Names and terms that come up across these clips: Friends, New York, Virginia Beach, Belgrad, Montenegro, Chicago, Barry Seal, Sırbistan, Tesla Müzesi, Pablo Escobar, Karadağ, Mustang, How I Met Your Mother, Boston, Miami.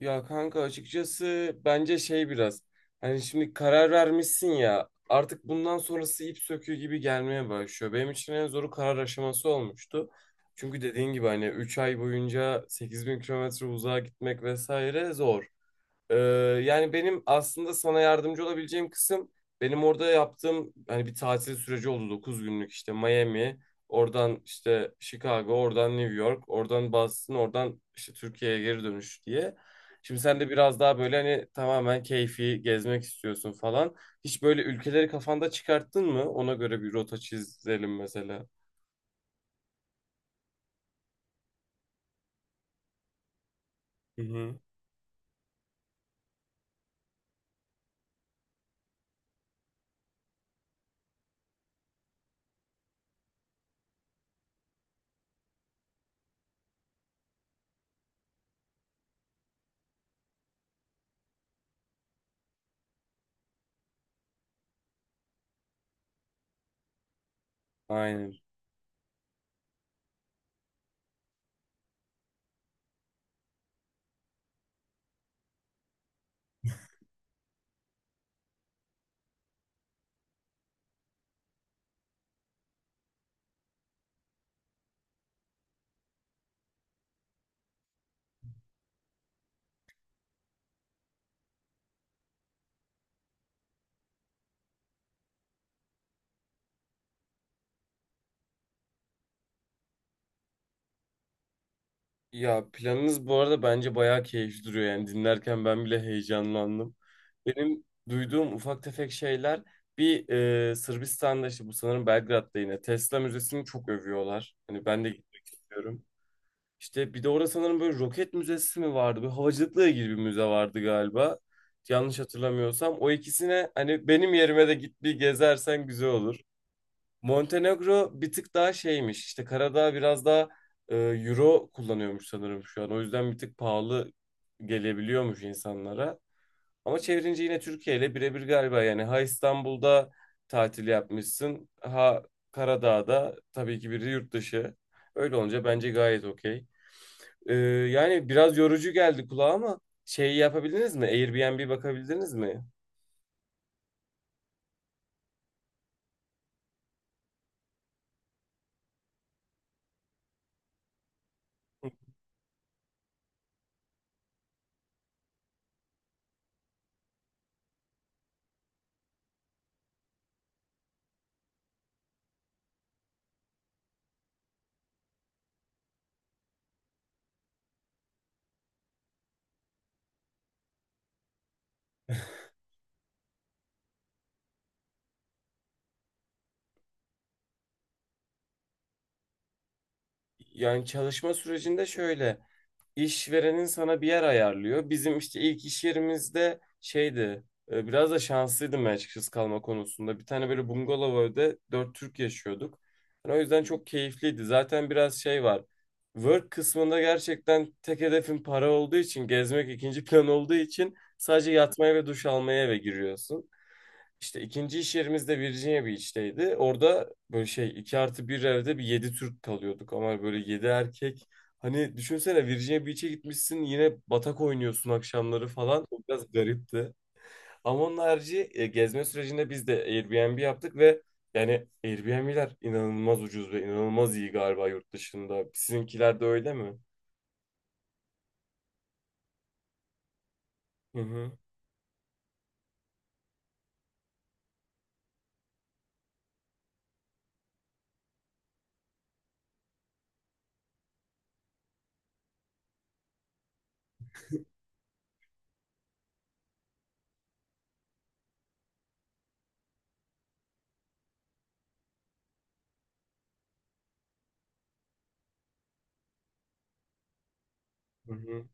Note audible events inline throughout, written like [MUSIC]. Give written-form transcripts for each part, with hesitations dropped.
Ya kanka açıkçası bence şey biraz hani şimdi karar vermişsin ya artık bundan sonrası ip söküğü gibi gelmeye başlıyor. Benim için en zoru karar aşaması olmuştu. Çünkü dediğin gibi hani 3 ay boyunca 8.000 kilometre uzağa gitmek vesaire zor. Ee, yani benim aslında sana yardımcı olabileceğim kısım benim orada yaptığım hani bir tatil süreci oldu 9 günlük işte Miami, oradan işte Chicago, oradan New York, oradan Boston, oradan işte Türkiye'ye geri dönüş diye. Şimdi sen de biraz daha böyle hani tamamen keyfi gezmek istiyorsun falan. Hiç böyle ülkeleri kafanda çıkarttın mı? Ona göre bir rota çizelim mesela. Hı hı. Aynen. Ya planınız bu arada bence bayağı keyifli duruyor, yani dinlerken ben bile heyecanlandım. Benim duyduğum ufak tefek şeyler bir, Sırbistan'da işte bu sanırım Belgrad'da yine Tesla Müzesi'ni çok övüyorlar. Hani ben de gitmek istiyorum. İşte bir de orada sanırım böyle roket müzesi mi vardı? Böyle havacılıkla ilgili bir müze vardı galiba. Yanlış hatırlamıyorsam. O ikisine hani benim yerime de git, bir gezersen güzel olur. Montenegro bir tık daha şeymiş. İşte Karadağ biraz daha euro kullanıyormuş sanırım şu an. O yüzden bir tık pahalı gelebiliyormuş insanlara. Ama çevirince yine Türkiye ile birebir galiba. Yani ha İstanbul'da tatil yapmışsın, ha Karadağ'da, tabii ki biri yurt dışı. Öyle olunca bence gayet okey. E, yani biraz yorucu geldi kulağa ama şeyi yapabildiniz mi? Airbnb bakabildiniz mi? Yani çalışma sürecinde şöyle. İşverenin sana bir yer ayarlıyor. Bizim işte ilk iş yerimizde şeydi. Biraz da şanslıydım ben açıkçası kalma konusunda. Bir tane böyle bungalov evde dört Türk yaşıyorduk. Yani o yüzden çok keyifliydi. Zaten biraz şey var. Work kısmında gerçekten tek hedefin para olduğu için, gezmek ikinci [LAUGHS] plan olduğu için sadece yatmaya ve duş almaya eve giriyorsun. İşte ikinci iş yerimiz de Virginia Beach'teydi. Orada böyle şey 2+1 evde bir 7 Türk kalıyorduk, ama böyle 7 erkek. Hani düşünsene Virginia Beach'e gitmişsin yine batak oynuyorsun akşamları falan. O biraz garipti. Ama onun harici gezme sürecinde biz de Airbnb yaptık ve yani Airbnb'ler inanılmaz ucuz ve inanılmaz iyi galiba yurt dışında. Sizinkiler de öyle mi? Hı hı. Hı hı.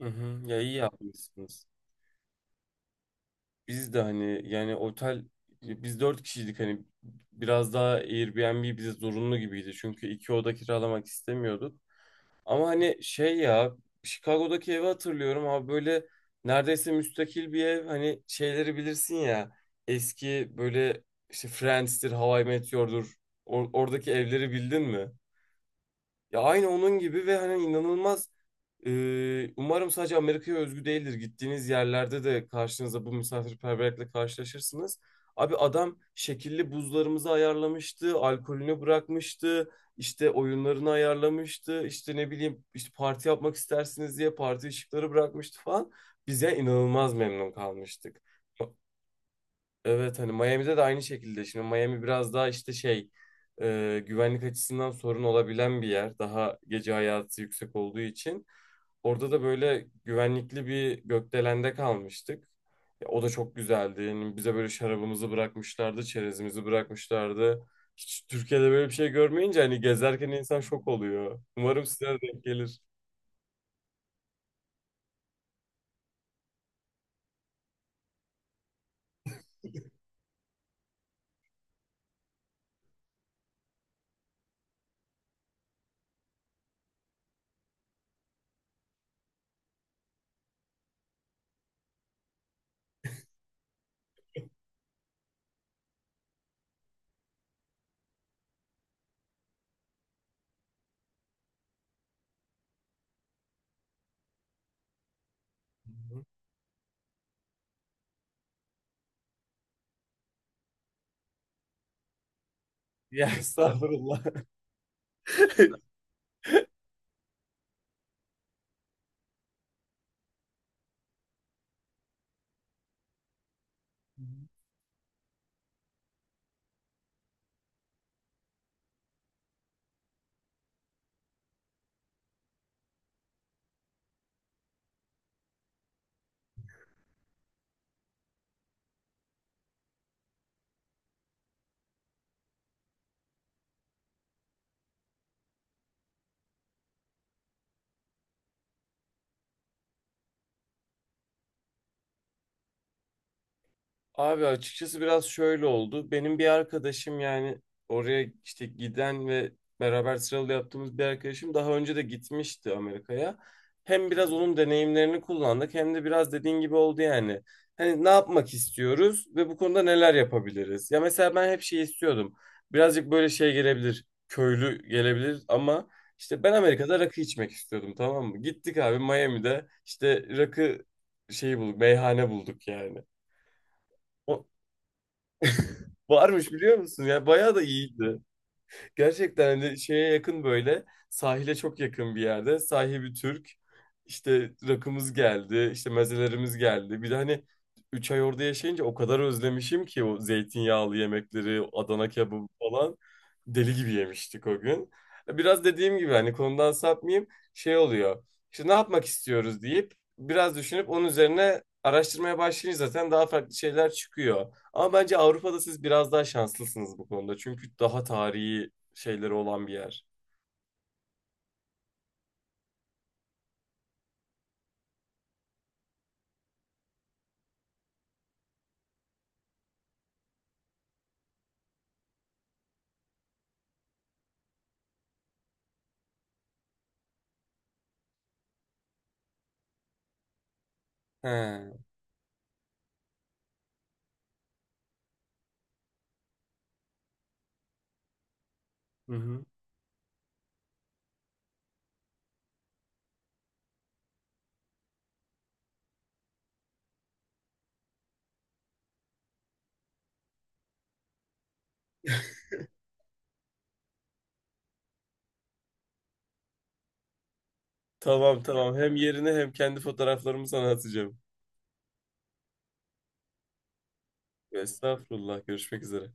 Hı hı. Ya iyi yapmışsınız. Biz de hani yani otel, biz dört kişiydik, hani biraz daha Airbnb bize zorunlu gibiydi. Çünkü iki oda kiralamak istemiyorduk. Ama hani şey ya, Chicago'daki evi hatırlıyorum abi, böyle neredeyse müstakil bir ev, hani şeyleri bilirsin ya, eski böyle, işte Friends'tir, How I Met Your'dur, oradaki evleri bildin mi? Ya aynı onun gibi ve hani inanılmaz, umarım sadece Amerika'ya özgü değildir. Gittiğiniz yerlerde de karşınıza bu misafirperverlikle karşılaşırsınız. Abi adam şekilli buzlarımızı ayarlamıştı, alkolünü bırakmıştı, işte oyunlarını ayarlamıştı, işte ne bileyim, işte parti yapmak istersiniz diye parti ışıkları bırakmıştı falan. Bize inanılmaz memnun kalmıştık. Evet, hani Miami'de de aynı şekilde. Şimdi Miami biraz daha işte şey, güvenlik açısından sorun olabilen bir yer. Daha gece hayatı yüksek olduğu için. Orada da böyle güvenlikli bir gökdelende kalmıştık. Ya, o da çok güzeldi. Yani bize böyle şarabımızı bırakmışlardı, çerezimizi bırakmışlardı. Hiç Türkiye'de böyle bir şey görmeyince hani gezerken insan şok oluyor. Umarım size de denk gelir. Ya estağfurullah. [LAUGHS] Abi açıkçası biraz şöyle oldu. Benim bir arkadaşım, yani oraya işte giden ve beraber sıralı yaptığımız bir arkadaşım daha önce de gitmişti Amerika'ya. Hem biraz onun deneyimlerini kullandık, hem de biraz dediğin gibi oldu yani. Hani ne yapmak istiyoruz ve bu konuda neler yapabiliriz? Ya mesela ben hep şey istiyordum. Birazcık böyle şey gelebilir, köylü gelebilir, ama işte ben Amerika'da rakı içmek istiyordum, tamam mı? Gittik abi, Miami'de işte rakı şeyi bulduk, meyhane bulduk yani. O- Varmış, biliyor musun? Ya bayağı da iyiydi. Gerçekten hani şeye yakın, böyle sahile çok yakın bir yerde, sahibi Türk, işte rakımız geldi, işte mezelerimiz geldi, bir de hani 3 ay orada yaşayınca o kadar özlemişim ki o zeytinyağlı yemekleri, Adana kebabı falan, deli gibi yemiştik o gün. Biraz dediğim gibi, hani konudan sapmayayım, şey oluyor, işte ne yapmak istiyoruz deyip biraz düşünüp onun üzerine araştırmaya başlayınca zaten daha farklı şeyler çıkıyor. Ama bence Avrupa'da siz biraz daha şanslısınız bu konuda. Çünkü daha tarihi şeyleri olan bir yer. He. Hı hı. Tamam, tamam. Hem yerine hem kendi fotoğraflarımı sana atacağım. Estağfurullah. Görüşmek üzere.